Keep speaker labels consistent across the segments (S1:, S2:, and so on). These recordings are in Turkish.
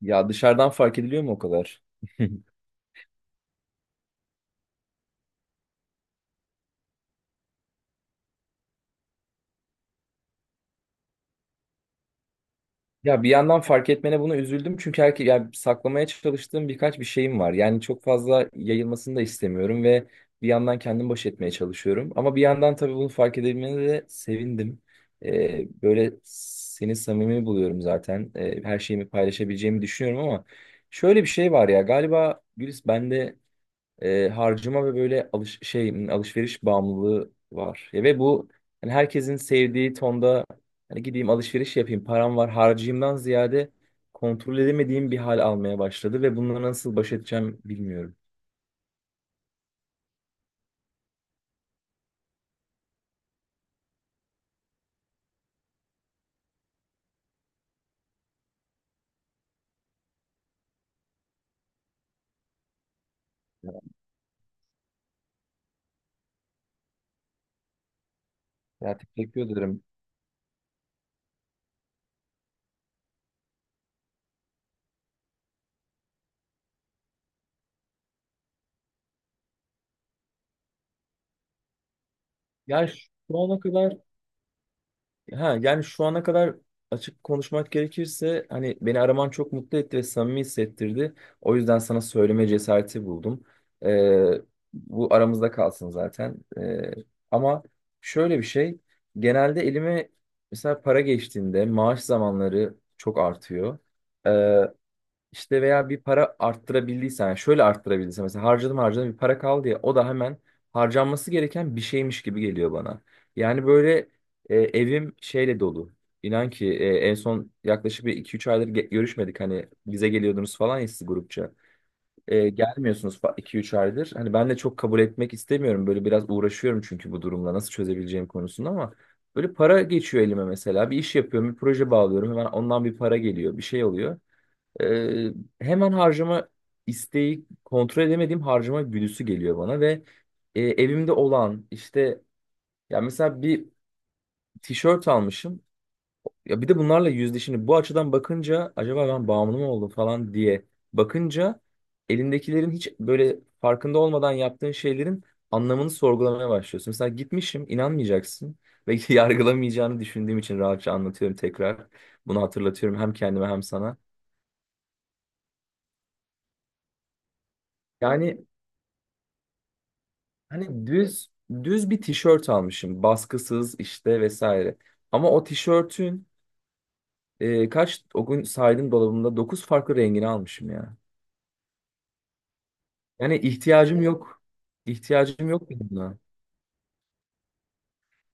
S1: Ya dışarıdan fark ediliyor mu o kadar? Ya bir yandan fark etmene buna üzüldüm çünkü herke yani saklamaya çalıştığım birkaç bir şeyim var. Yani çok fazla yayılmasını da istemiyorum ve bir yandan kendim baş etmeye çalışıyorum. Ama bir yandan tabii bunu fark edebilmene de sevindim. Böyle seni samimi buluyorum zaten. Her şeyimi paylaşabileceğimi düşünüyorum ama şöyle bir şey var ya galiba Gülis bende harcama ve böyle alışveriş bağımlılığı var. Ya ve bu hani herkesin sevdiği tonda hani gideyim alışveriş yapayım, param var, harcayayımdan ziyade kontrol edemediğim bir hal almaya başladı ve bununla nasıl baş edeceğim bilmiyorum. Ya, Ya teşekkür ederim. Ya şu ana kadar şu ana kadar açık konuşmak gerekirse hani beni araman çok mutlu etti ve samimi hissettirdi. O yüzden sana söyleme cesareti buldum. Ee, Bu aramızda kalsın zaten. Ama şöyle bir şey genelde elime mesela para geçtiğinde maaş zamanları çok artıyor. İşte veya bir para arttırabildiysen, yani şöyle arttırabildiysen mesela harcadım, bir para kaldı ya o da hemen harcanması gereken bir şeymiş gibi geliyor bana. Yani böyle evim şeyle dolu. İnan ki en son yaklaşık bir iki üç aydır görüşmedik, hani bize geliyordunuz falan ya siz grupça. Gelmiyorsunuz iki üç aydır. Hani ben de çok kabul etmek istemiyorum. Böyle biraz uğraşıyorum çünkü bu durumla nasıl çözebileceğim konusunda. Ama böyle para geçiyor elime mesela. Bir iş yapıyorum, bir proje bağlıyorum. Hemen ondan bir para geliyor, bir şey oluyor. Ee, Hemen harcama isteği, kontrol edemediğim harcama güdüsü geliyor bana ve evimde olan işte ya mesela bir tişört almışım ya bir de bunlarla yüzde şimdi bu açıdan bakınca acaba ben bağımlı mı oldum falan diye bakınca elindekilerin hiç böyle farkında olmadan yaptığın şeylerin anlamını sorgulamaya başlıyorsun. Mesela gitmişim, inanmayacaksın ve yargılamayacağını düşündüğüm için rahatça anlatıyorum, tekrar bunu hatırlatıyorum hem kendime hem sana. Yani hani düz bir tişört almışım. Baskısız işte vesaire. Ama o tişörtün kaç o gün saydım dolabımda 9 farklı rengini almışım ya. Yani ihtiyacım yok. İhtiyacım yok benim buna.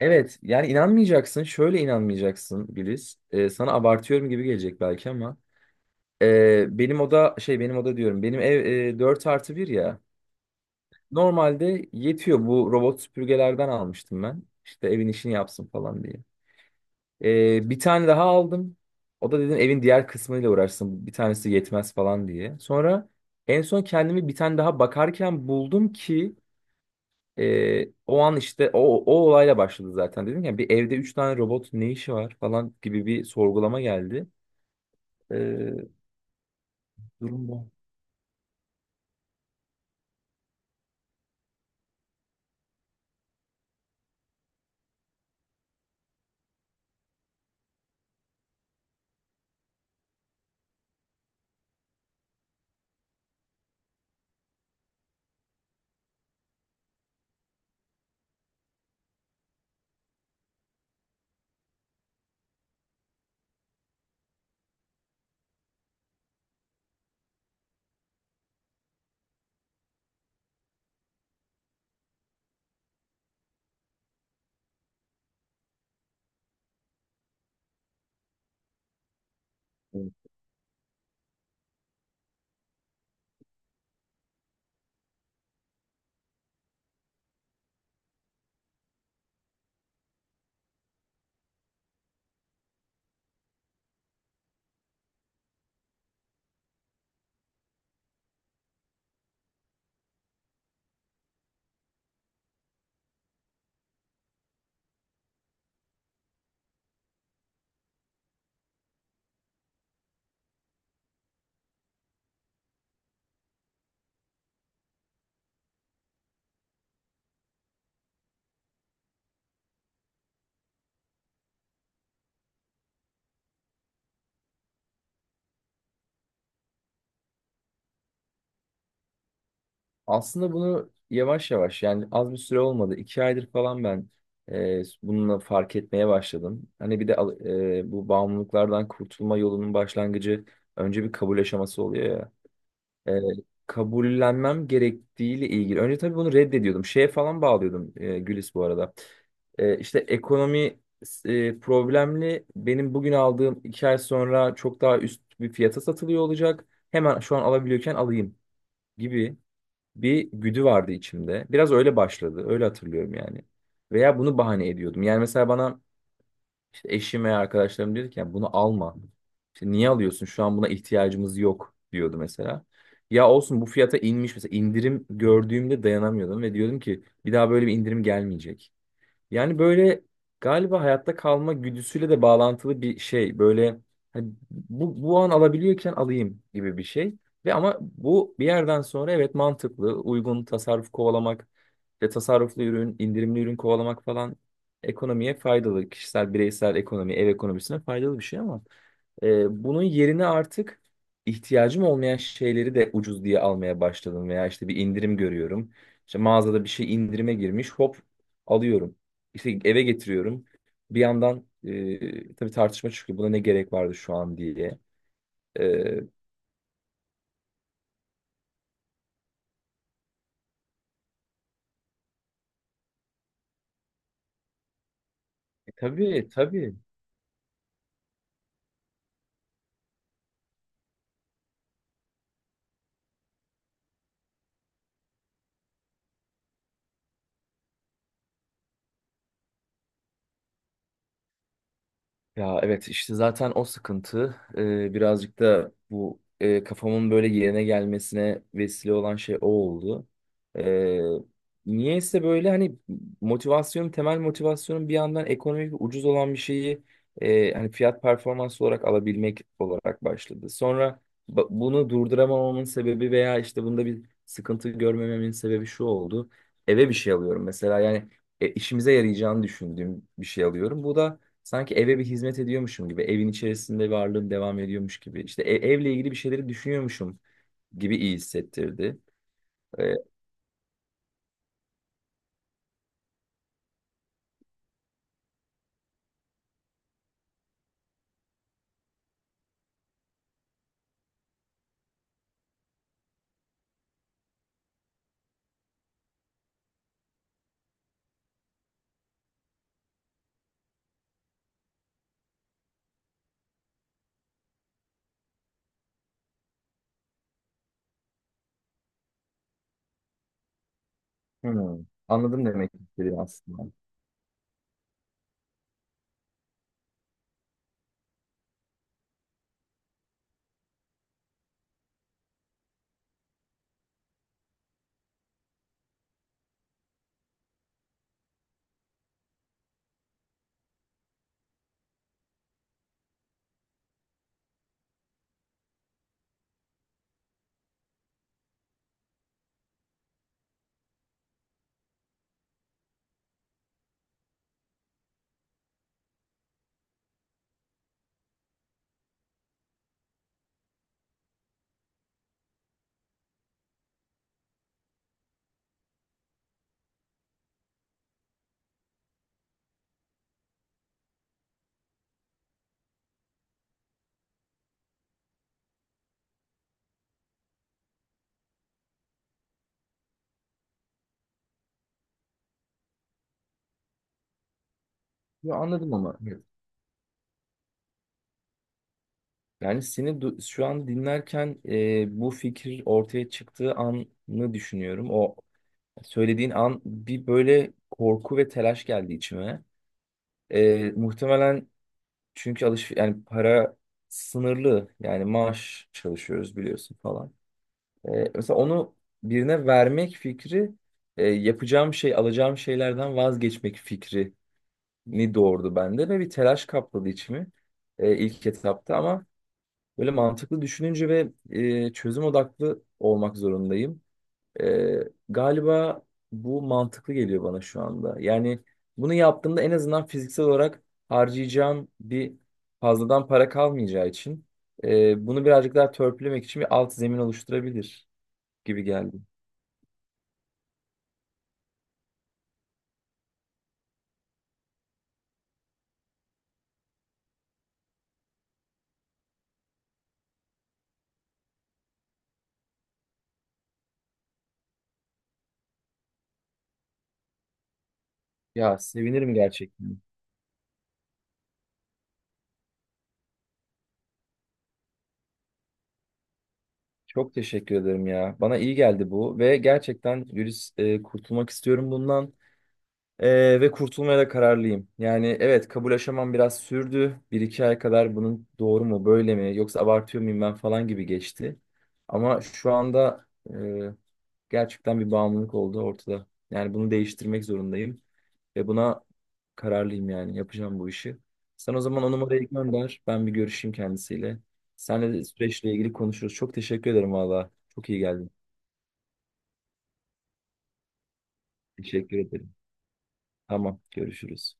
S1: Evet yani inanmayacaksın. Şöyle inanmayacaksın Güliz. E, sana abartıyorum gibi gelecek belki ama benim oda diyorum. Benim ev 4 artı bir ya. Normalde yetiyor. Bu robot süpürgelerden almıştım ben. İşte evin işini yapsın falan diye. Bir tane daha aldım. O da dedim evin diğer kısmıyla uğraşsın, bir tanesi yetmez falan diye. Sonra en son kendimi bir tane daha bakarken buldum ki o an işte o olayla başladı zaten. Dedim ya bir evde 3 tane robot ne işi var falan gibi bir sorgulama geldi. Ee, Durum bu. Aslında bunu yavaş yavaş, yani az bir süre olmadı, 2 aydır falan ben bununla fark etmeye başladım. Hani bir de bu bağımlılıklardan kurtulma yolunun başlangıcı önce bir kabul aşaması oluyor ya. E, Kabullenmem gerektiğiyle ilgili. Önce tabii bunu reddediyordum. Şeye falan bağlıyordum Gülis bu arada. İşte ekonomi problemli. Benim bugün aldığım 2 ay sonra çok daha üst bir fiyata satılıyor olacak. Hemen şu an alabiliyorken alayım gibi bir güdü vardı içimde. Biraz öyle başladı. Öyle hatırlıyorum yani. Veya bunu bahane ediyordum. Yani mesela bana işte eşim veya arkadaşlarım diyordu ki, "Ya bunu alma. İşte niye alıyorsun? Şu an buna ihtiyacımız yok," diyordu mesela. Ya olsun, bu fiyata inmiş mesela, indirim gördüğümde dayanamıyordum ve diyordum ki bir daha böyle bir indirim gelmeyecek. Yani böyle galiba hayatta kalma güdüsüyle de bağlantılı bir şey. Böyle hani bu an alabiliyorken alayım gibi bir şey. Ve ama bu bir yerden sonra, evet, mantıklı, uygun tasarruf kovalamak ve tasarruflu ürün, indirimli ürün kovalamak falan ekonomiye faydalı. Kişisel, bireysel ekonomi, ev ekonomisine faydalı bir şey ama bunun yerine artık ihtiyacım olmayan şeyleri de ucuz diye almaya başladım veya işte bir indirim görüyorum. İşte mağazada bir şey indirime girmiş, hop alıyorum. İşte eve getiriyorum. Bir yandan tabii tartışma çıkıyor. Buna ne gerek vardı şu an diye. E, tabii, tabii. Ya evet işte zaten o sıkıntı, birazcık da bu, kafamın böyle yerine gelmesine vesile olan şey o oldu. E, Niyeyse böyle hani temel motivasyonum bir yandan ekonomik ve ucuz olan bir şeyi hani fiyat performans olarak alabilmek olarak başladı. Sonra bunu durduramamamın sebebi veya işte bunda bir sıkıntı görmememin sebebi şu oldu. Eve bir şey alıyorum mesela, yani işimize yarayacağını düşündüğüm bir şey alıyorum. Bu da sanki eve bir hizmet ediyormuşum gibi, evin içerisinde varlığım devam ediyormuş gibi, işte evle ilgili bir şeyleri düşünüyormuşum gibi iyi hissettirdi. Ee, hmm, anladım demek istediğini aslında. Anladım ama. Evet. Yani şu an dinlerken bu fikir ortaya çıktığı anı düşünüyorum. O söylediğin an bir böyle korku ve telaş geldi içime. Muhtemelen çünkü alış yani para sınırlı, yani maaş çalışıyoruz biliyorsun falan. Mesela onu birine vermek fikri, yapacağım şey, alacağım şeylerden vazgeçmek fikrini doğurdu bende ve bir telaş kapladı içimi ilk etapta. Ama böyle mantıklı düşününce ve çözüm odaklı olmak zorundayım. E, Galiba bu mantıklı geliyor bana şu anda. Yani bunu yaptığımda en azından fiziksel olarak harcayacağım bir fazladan para kalmayacağı için bunu birazcık daha törpülemek için bir alt zemin oluşturabilir gibi geldi. Ya sevinirim gerçekten. Çok teşekkür ederim ya. Bana iyi geldi bu ve gerçekten Güliz kurtulmak istiyorum bundan. Ve kurtulmaya da kararlıyım. Yani evet, kabul aşamam biraz sürdü. Bir iki ay kadar bunun doğru mu böyle mi yoksa abartıyor muyum ben falan gibi geçti. Ama şu anda e, gerçekten bir bağımlılık oldu ortada. Yani bunu değiştirmek zorundayım. Ve buna kararlıyım, yani yapacağım bu işi. Sen o zaman o numarayı gönder. Ben bir görüşeyim kendisiyle. Seninle de süreçle ilgili konuşuruz. Çok teşekkür ederim valla. Çok iyi geldin. Teşekkür ederim. Tamam, görüşürüz.